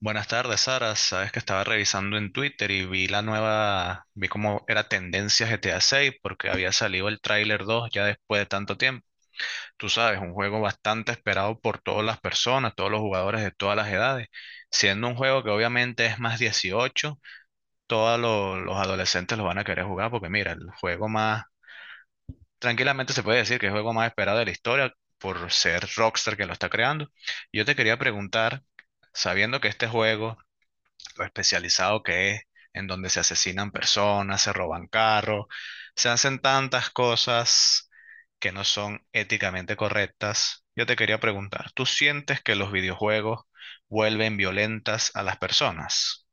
Buenas tardes, Sara. Sabes que estaba revisando en Twitter y vi vi cómo era tendencia GTA 6 porque había salido el tráiler 2 ya después de tanto tiempo. Tú sabes, un juego bastante esperado por todas las personas, todos los jugadores de todas las edades, siendo un juego que obviamente es más 18, todos los adolescentes lo van a querer jugar porque mira, tranquilamente se puede decir que es el juego más esperado de la historia por ser Rockstar que lo está creando. Yo te quería preguntar, sabiendo que este juego especializado que es, en donde se asesinan personas, se roban carros, se hacen tantas cosas que no son éticamente correctas. Yo te quería preguntar, ¿tú sientes que los videojuegos vuelven violentas a las personas?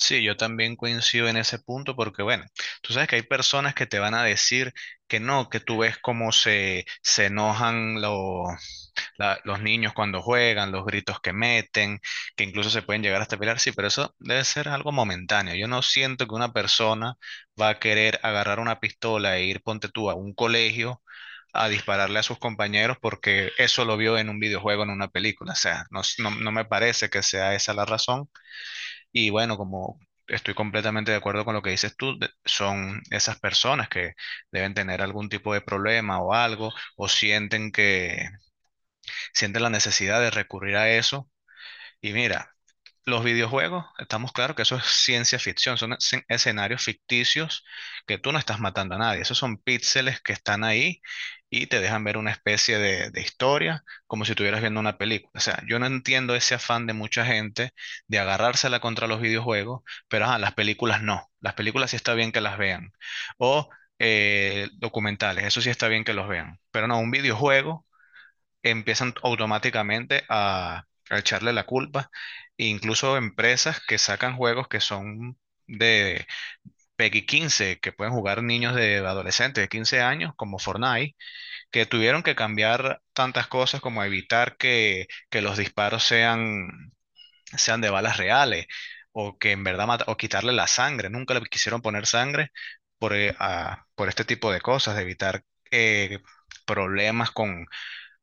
Sí, yo también coincido en ese punto porque, bueno, tú sabes que hay personas que te van a decir que no, que tú ves cómo se enojan los niños cuando juegan, los gritos que meten, que incluso se pueden llegar hasta pelear, sí, pero eso debe ser algo momentáneo. Yo no siento que una persona va a querer agarrar una pistola e ir, ponte tú, a un colegio a dispararle a sus compañeros porque eso lo vio en un videojuego, en una película. O sea, no, no, no me parece que sea esa la razón. Y bueno, como... Estoy completamente de acuerdo con lo que dices tú. Son esas personas que deben tener algún tipo de problema o algo, o siente la necesidad de recurrir a eso. Y mira, los videojuegos, estamos claros que eso es ciencia ficción, son escenarios ficticios que tú no estás matando a nadie, esos son píxeles que están ahí y te dejan ver una especie de historia como si estuvieras viendo una película. O sea, yo no entiendo ese afán de mucha gente de agarrársela contra los videojuegos, pero ajá, las películas no, las películas sí está bien que las vean. O documentales, eso sí está bien que los vean, pero no, un videojuego empiezan automáticamente a echarle la culpa. E incluso empresas que sacan juegos que son de PEGI 15 que pueden jugar niños de adolescentes de 15 años, como Fortnite, que tuvieron que cambiar tantas cosas como evitar que los disparos sean de balas reales o que en verdad o quitarle la sangre. Nunca le quisieron poner sangre por este tipo de cosas, de evitar eh, problemas con,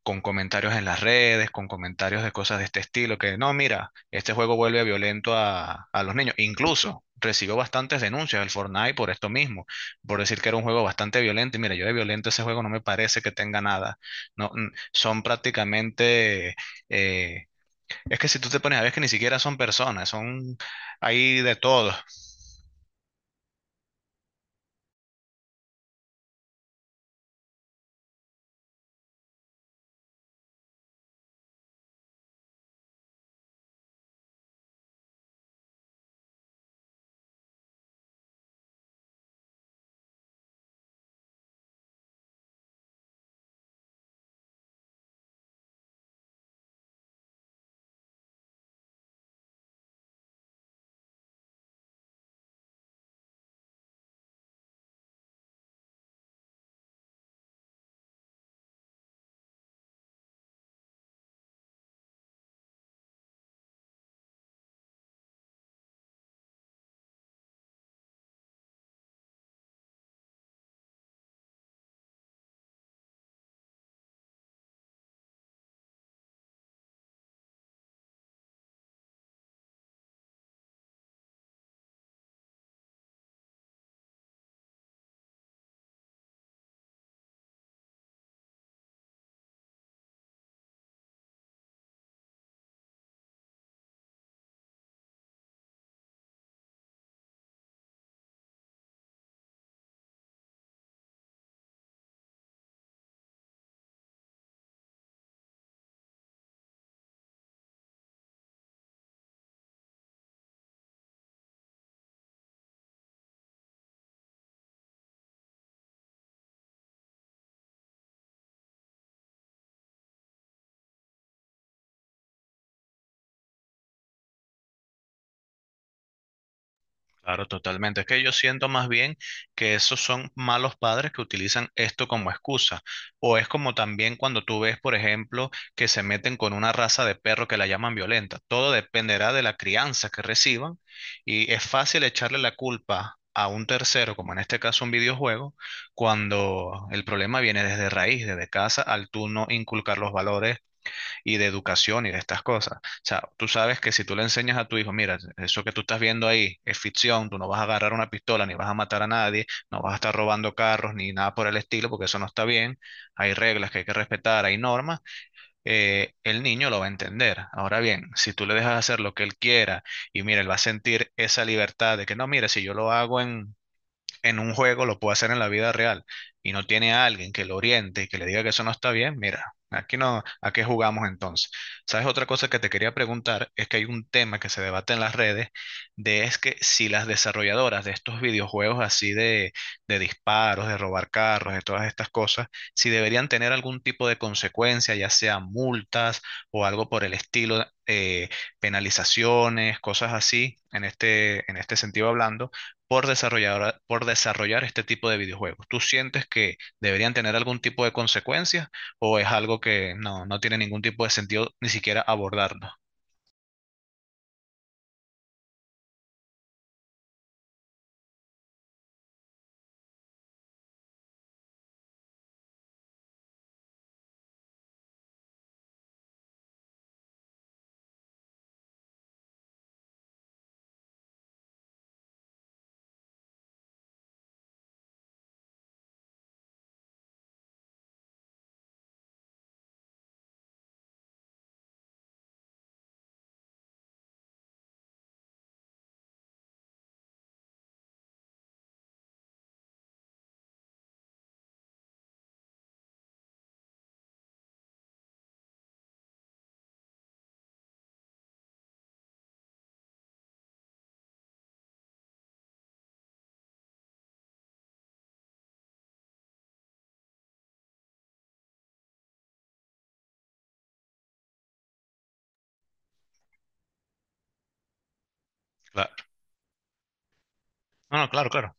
con comentarios en las redes, con comentarios de cosas de este estilo, que no, mira, este juego vuelve violento a los niños. Incluso recibió bastantes denuncias el Fortnite por esto mismo, por decir que era un juego bastante violento. Y mira, yo de violento ese juego no me parece que tenga nada. No, son prácticamente, eh, es que si tú te pones a ver es que ni siquiera son personas, son ahí de todo. Claro, totalmente. Es que yo siento más bien que esos son malos padres que utilizan esto como excusa. O es como también cuando tú ves, por ejemplo, que se meten con una raza de perro que la llaman violenta. Todo dependerá de la crianza que reciban y es fácil echarle la culpa a un tercero, como en este caso un videojuego, cuando el problema viene desde raíz, desde casa, al tú no inculcar los valores y de educación y de estas cosas. O sea, tú sabes que si tú le enseñas a tu hijo, mira, eso que tú estás viendo ahí es ficción, tú no vas a agarrar una pistola ni vas a matar a nadie, no vas a estar robando carros ni nada por el estilo, porque eso no está bien, hay reglas que hay que respetar, hay normas, el niño lo va a entender. Ahora bien, si tú le dejas hacer lo que él quiera y mira, él va a sentir esa libertad de que no, mira, si yo lo hago en un juego lo puede hacer en la vida real y no tiene a alguien que lo oriente y que le diga que eso no está bien, mira, aquí no, ¿a qué jugamos entonces? ¿Sabes? Otra cosa que te quería preguntar es que hay un tema que se debate en las redes de es que si las desarrolladoras de estos videojuegos así de disparos, de robar carros, de todas estas cosas, si deberían tener algún tipo de consecuencia, ya sea multas o algo por el estilo, penalizaciones, cosas así, en este sentido hablando por desarrollar este tipo de videojuegos? ¿Tú sientes que deberían tener algún tipo de consecuencias o es algo que no, no tiene ningún tipo de sentido ni siquiera abordarlo? Claro. No, no, claro, claro.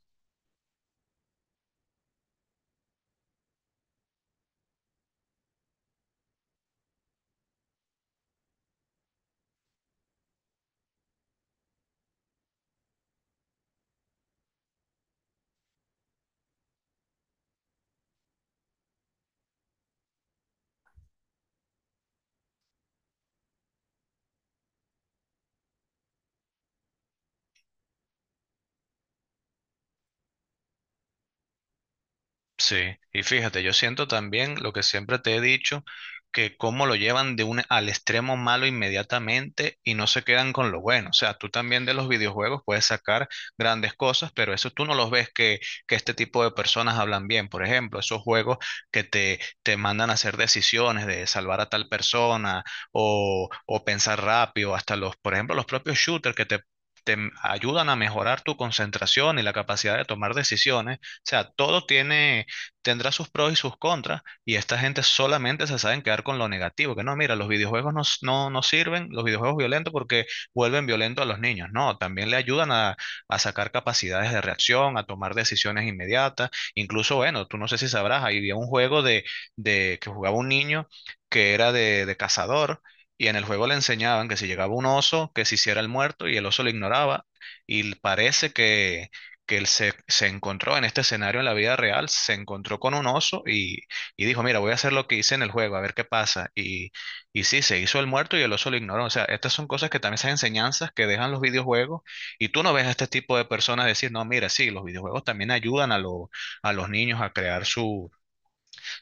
Sí, y fíjate, yo siento también lo que siempre te he dicho, que cómo lo llevan de un al extremo malo inmediatamente y no se quedan con lo bueno. O sea, tú también de los videojuegos puedes sacar grandes cosas, pero eso tú no los ves que este tipo de personas hablan bien. Por ejemplo, esos juegos que te mandan a hacer decisiones de salvar a tal persona o pensar rápido, hasta los, por ejemplo, los propios shooters que te ayudan a mejorar tu concentración y la capacidad de tomar decisiones. O sea, todo tiene tendrá sus pros y sus contras, y esta gente solamente se saben quedar con lo negativo, que no, mira, los videojuegos no, no, no sirven, los videojuegos violentos porque vuelven violentos a los niños, no, también le ayudan a sacar capacidades de reacción, a tomar decisiones inmediatas, incluso, bueno, tú no sé si sabrás, había un juego de que jugaba un niño que era de cazador. Y en el juego le enseñaban que si llegaba un oso, que se hiciera el muerto y el oso lo ignoraba. Y parece que él se encontró en este escenario en la vida real, se encontró con un oso y dijo, mira, voy a hacer lo que hice en el juego, a ver qué pasa. Y sí, se hizo el muerto y el oso lo ignoró. O sea, estas son cosas que también son enseñanzas que dejan los videojuegos y tú no ves a este tipo de personas decir, no, mira, sí, los videojuegos también ayudan a los niños a crear su,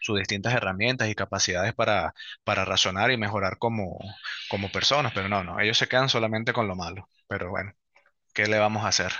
sus distintas herramientas y capacidades para razonar y mejorar como personas, pero no, no, ellos se quedan solamente con lo malo. Pero bueno, ¿qué le vamos a hacer?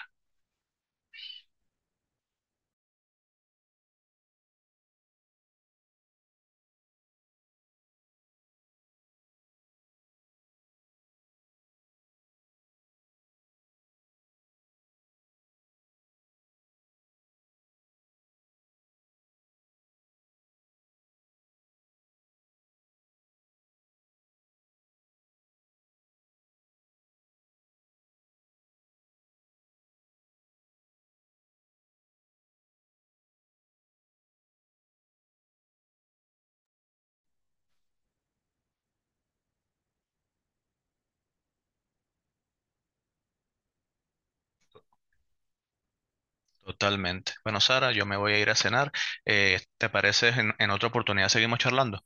Totalmente. Bueno, Sara, yo me voy a ir a cenar. ¿Te parece en otra oportunidad seguimos charlando?